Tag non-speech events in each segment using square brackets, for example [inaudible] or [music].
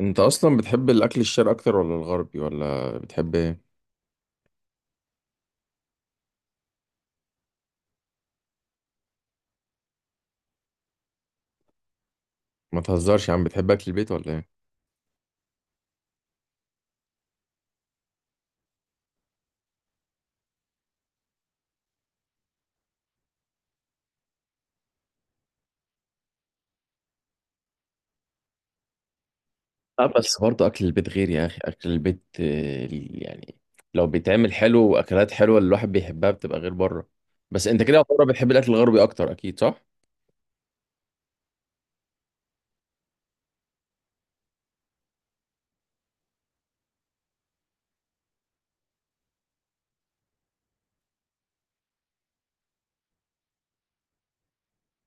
انت اصلا بتحب الاكل الشرقي اكتر ولا الغربي ولا بتحب ايه؟ ما تهزرش يا عم، بتحب اكل البيت ولا ايه؟ اه، بس برضه اكل البيت غير يا اخي، اكل البيت يعني لو بيتعمل حلو واكلات حلوه اللي الواحد بيحبها بتبقى غير بره. بس انت كده بره بتحب الاكل الغربي اكتر، اكيد صح؟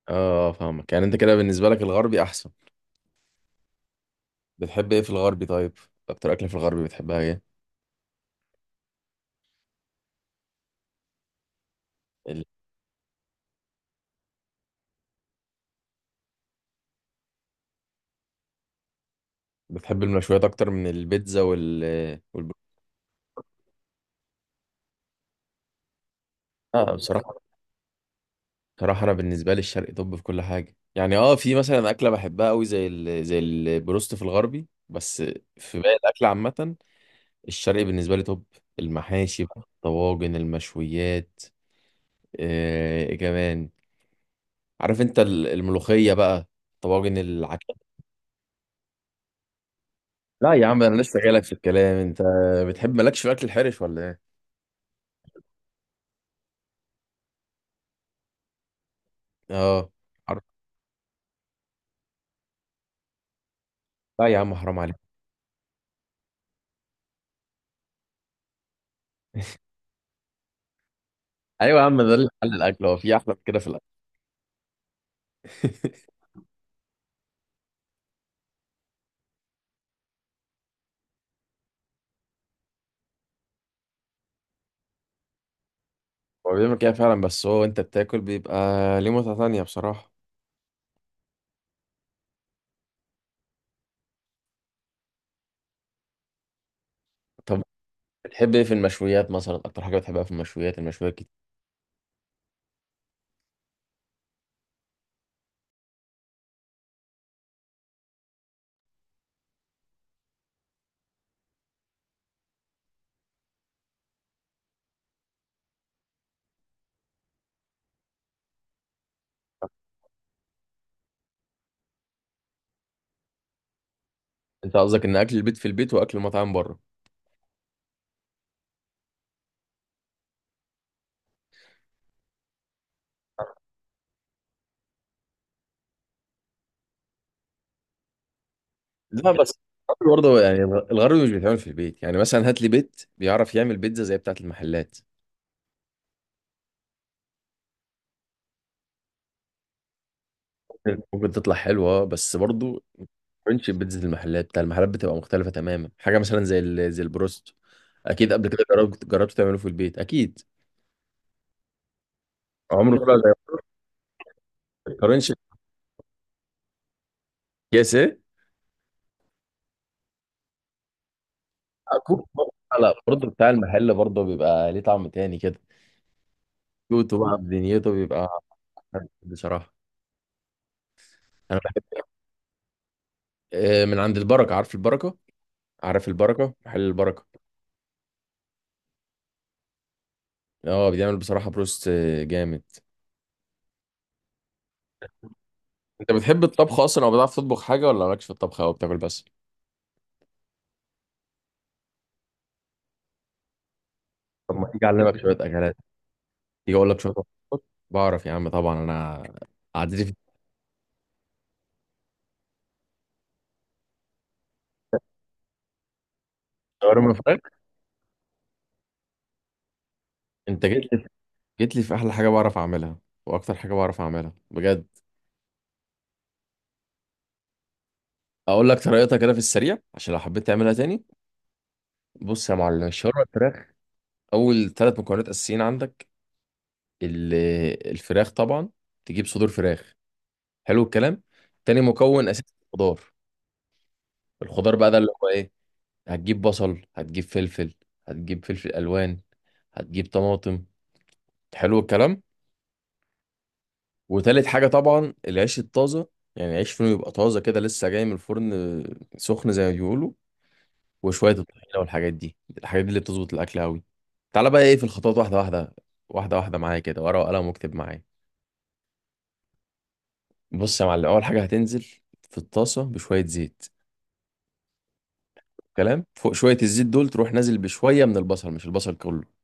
اه فاهمك، يعني انت كده بالنسبه لك الغربي احسن. بتحب ايه في الغربي طيب؟ اكتر اكل في الغربي بتحبها ايه؟ ال- بتحب المشويات اكتر من البيتزا وال والبر- اه بصراحه، صراحة أنا بالنسبة لي الشرق طب في كل حاجة، يعني في مثلا أكلة بحبها أوي زي البروست في الغربي، بس في باقي الأكل عامة الشرقي بالنسبة لي طب. المحاشي بقى، الطواجن، المشويات، إيه كمان، عارف أنت الملوخية بقى، طواجن العكاوي. لا يا عم أنا لسه جايلك في الكلام. أنت بتحب، مالكش في الأكل الحرش، ولا إيه؟ أه. عارف. لا يا عم، حرام عليك. أيوة يا عم، ده اللي حل الأكل، هو في أحلى من كده في الأكل؟ [laughs] هو بيعمل كده فعلا، بس هو انت بتاكل بيبقى ليه متعة تانية بصراحة. طب بتحب ايه في المشويات مثلا؟ اكتر حاجة بتحبها في المشويات؟ المشويات كتير. انت قصدك ان اكل البيت في البيت واكل المطاعم بره؟ لا بس الغربي برضه، يعني الغربي مش بيتعمل في البيت، يعني مثلا هات لي بيت بيعرف يعمل بيتزا زي بتاعة المحلات. ممكن تطلع حلوة اه، بس برضه مش بيتزا المحلات، بتاع المحلات بتبقى مختلفة تماما. حاجة مثلا زي البروست، اكيد قبل كده جربت تعمله في البيت اكيد. عمره طلع زي؟ ما تقارنش. كيس ايه؟ اكون، لا برضه بتاع المحل برضه بيبقى ليه طعم تاني كده. كيوتو بقى [laughs] بدنيته بيبقى حلو بصراحة. انا بحب من عند البركة، عارف البركة؟ عارف البركة، محل البركة. اه بيعمل بصراحة بروست جامد. انت بتحب الطبخ اصلا او بتعرف تطبخ حاجة، ولا مالكش في الطبخ او بتاكل بس؟ طب ما تيجي اعلمك شوية اكلات. تيجي اقول لك شوية وصفات؟ بعرف يا عم طبعا، انا عديت في شاورما فراخ. انت جيت لي، جيت لي في احلى حاجة بعرف اعملها واكتر حاجة بعرف اعملها بجد. اقول لك طريقتها كده في السريع عشان لو حبيت تعملها تاني. بص يا معلم الشاورما الفراخ. اول ثلاث مكونات اساسيين عندك، ال- الفراخ طبعا. تجيب صدور فراخ. حلو الكلام. تاني مكون اساسي الخضار. الخضار بقى ده اللي هو ايه؟ هتجيب بصل، هتجيب فلفل، هتجيب فلفل الوان، هتجيب طماطم. حلو الكلام. وتالت حاجه طبعا العيش الطازه، يعني عيش فينو يبقى طازه كده لسه جاي من الفرن سخن زي ما بيقولوا. وشويه الطحينه والحاجات دي، الحاجات دي اللي بتظبط الاكل قوي. تعالى بقى ايه في الخطوات، واحده واحده، واحده واحده معايا كده، ورقه وقلم واكتب معايا. بص يا معلم، اول حاجه هتنزل في الطاسه بشويه زيت. كلام، فوق شويه الزيت دول تروح نازل بشويه من البصل، مش البصل كله،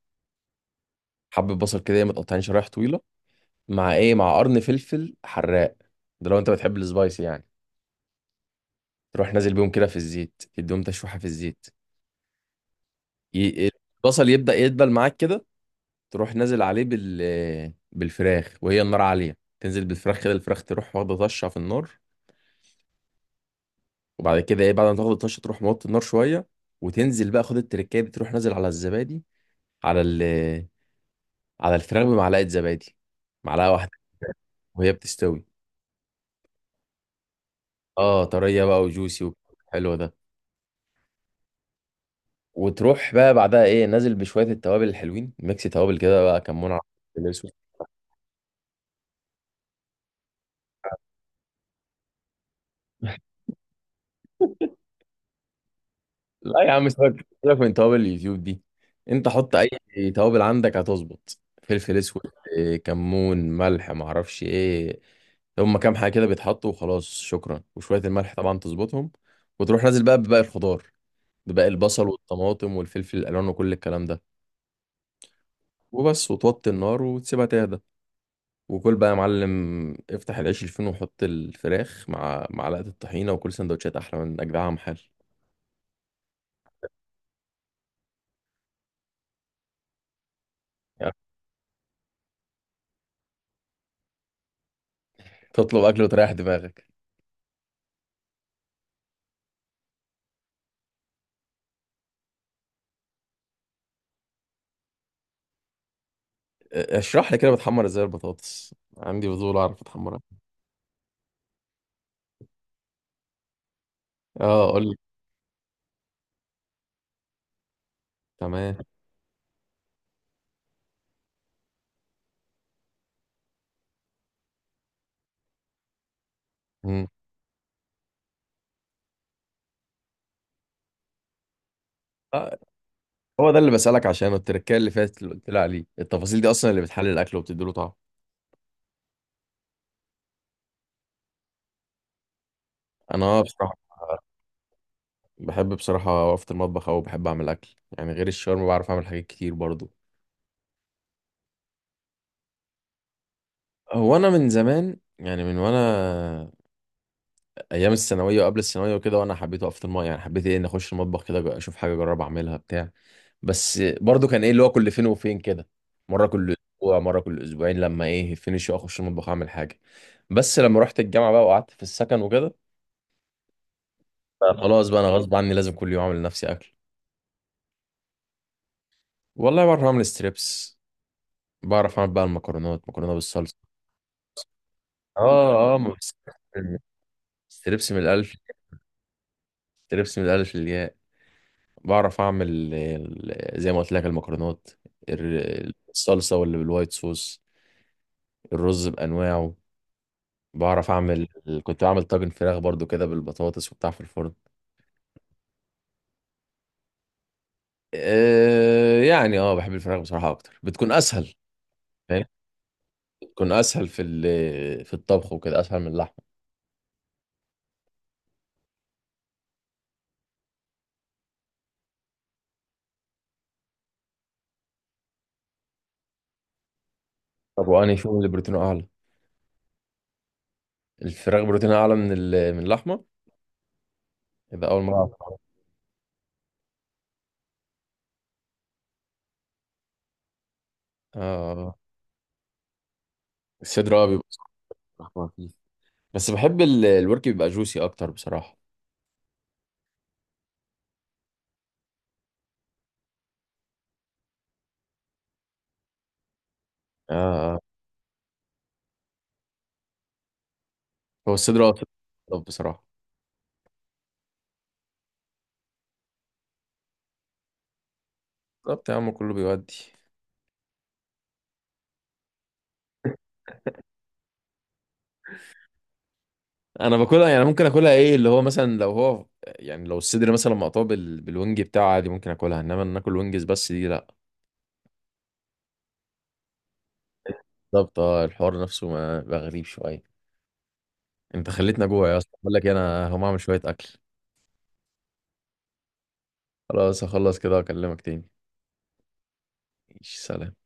حبه بصل كده متقطعين شرايح طويله، مع ايه، مع قرن فلفل حراق، ده لو انت بتحب السبايسي يعني. تروح نازل بيهم كده في الزيت، تديهم تشويحه في الزيت. ي... البصل يبدا يدبل معاك كده، تروح نازل عليه بالفراخ وهي النار عاليه. تنزل بالفراخ كده، الفراخ تروح واخده طشه في النار. وبعد كده ايه، بعد ما تاخد الطشه تروح موطي النار شويه، وتنزل بقى، خد التركايه دي، تروح نازل على الزبادي، على ال على الفراخ بمعلقه زبادي، معلقه واحده وهي بتستوي. اه طريه بقى وجوسي، حلو ده. وتروح بقى بعدها ايه، نازل بشويه التوابل الحلوين، ميكس توابل كده بقى، كمون، فلفل اسود. لا يا عم، سيبك سيبك من توابل اليوتيوب دي، انت حط اي توابل عندك هتظبط، فلفل اسود كمون، ملح، معرفش ايه، هما كام حاجه كده بيتحطوا وخلاص شكرا، وشويه الملح طبعا تظبطهم. وتروح نازل بقى بباقي الخضار، بباقي البصل والطماطم والفلفل الالوان وكل الكلام ده، وبس، وتوطي النار وتسيبها تهدى. وكل بقى يا معلم، افتح العيش الفين، وحط الفراخ مع معلقه الطحينه، وكل سندوتشات احلى من اجدعها محل. يعني تطلب اكل وتريح دماغك. اشرح لي كده بتحمر ازاي البطاطس، عندي فضول اعرف اتحمرها. اه قول لي. تمام. مم. آه، هو ده اللي بسالك عشانه، التركيه اللي فاتت اللي قلت لي عليه، التفاصيل دي اصلا اللي بتحلل الاكل وبتدي له طعم. انا بصراحه بحب بصراحة أقف في المطبخ، أو بحب أعمل أكل، يعني غير الشاورما بعرف أعمل حاجات كتير برضو. هو أنا من زمان يعني، وأنا أيام الثانوية وقبل الثانوية وكده، وأنا حبيت أقف في المطبخ، يعني حبيت إيه، إن أخش المطبخ كده أشوف حاجة أجرب أعملها بتاع. بس برضو كان إيه اللي هو كل فين وفين كده، مرة كل أسبوع، مرة كل أسبوعين، لما إيه فينش أخش المطبخ أعمل حاجة. بس لما رحت الجامعة بقى وقعدت في السكن وكده، بقى خلاص بقى، أنا غصب عني لازم كل يوم أعمل لنفسي أكل. والله بعرف أعمل ستريبس، بعرف أعمل بقى المكرونات، مكرونة بالصلصة. اه اه، ما بس- ستريبس من الالف، ستريبس من الالف للياء. بعرف اعمل زي ما قلت لك المكرونات، الصلصه واللي بالوايت صوص، الرز بانواعه بعرف اعمل. كنت بعمل طاجن فراخ برضو كده بالبطاطس وبتاع في الفرن. يعني اه، بحب الفراخ بصراحه اكتر، بتكون اسهل. فاهم بتكون اسهل في الطبخ وكده اسهل من اللحمه. طب وانهي فيهم اللي بروتينه اعلى؟ الفراخ بروتينه اعلى من اللحمه؟ يبقى اول مره أعرف. اه. آه، آه. الصدر اه، بيبقى، بس بحب الورك بيبقى جوسي اكتر بصراحه. آه آه. هو الصدر أكتر بصراحه. بالظبط يا عم، كله بيودي. انا باكلها يعني، ممكن اكلها ايه اللي هو مثلا، لو هو يعني لو الصدر مثلا مقطوع بالوينج بتاعه عادي ممكن اكلها، انما إن ناكل وينجز بس دي لا. بالظبط، اه، الحوار نفسه، ما بقى غريب شويه. انت خليتنا جوع يا اسطى، بقول لك انا هقوم اعمل شويه اكل. خلاص هخلص كده واكلمك تاني. ماشي، سلام.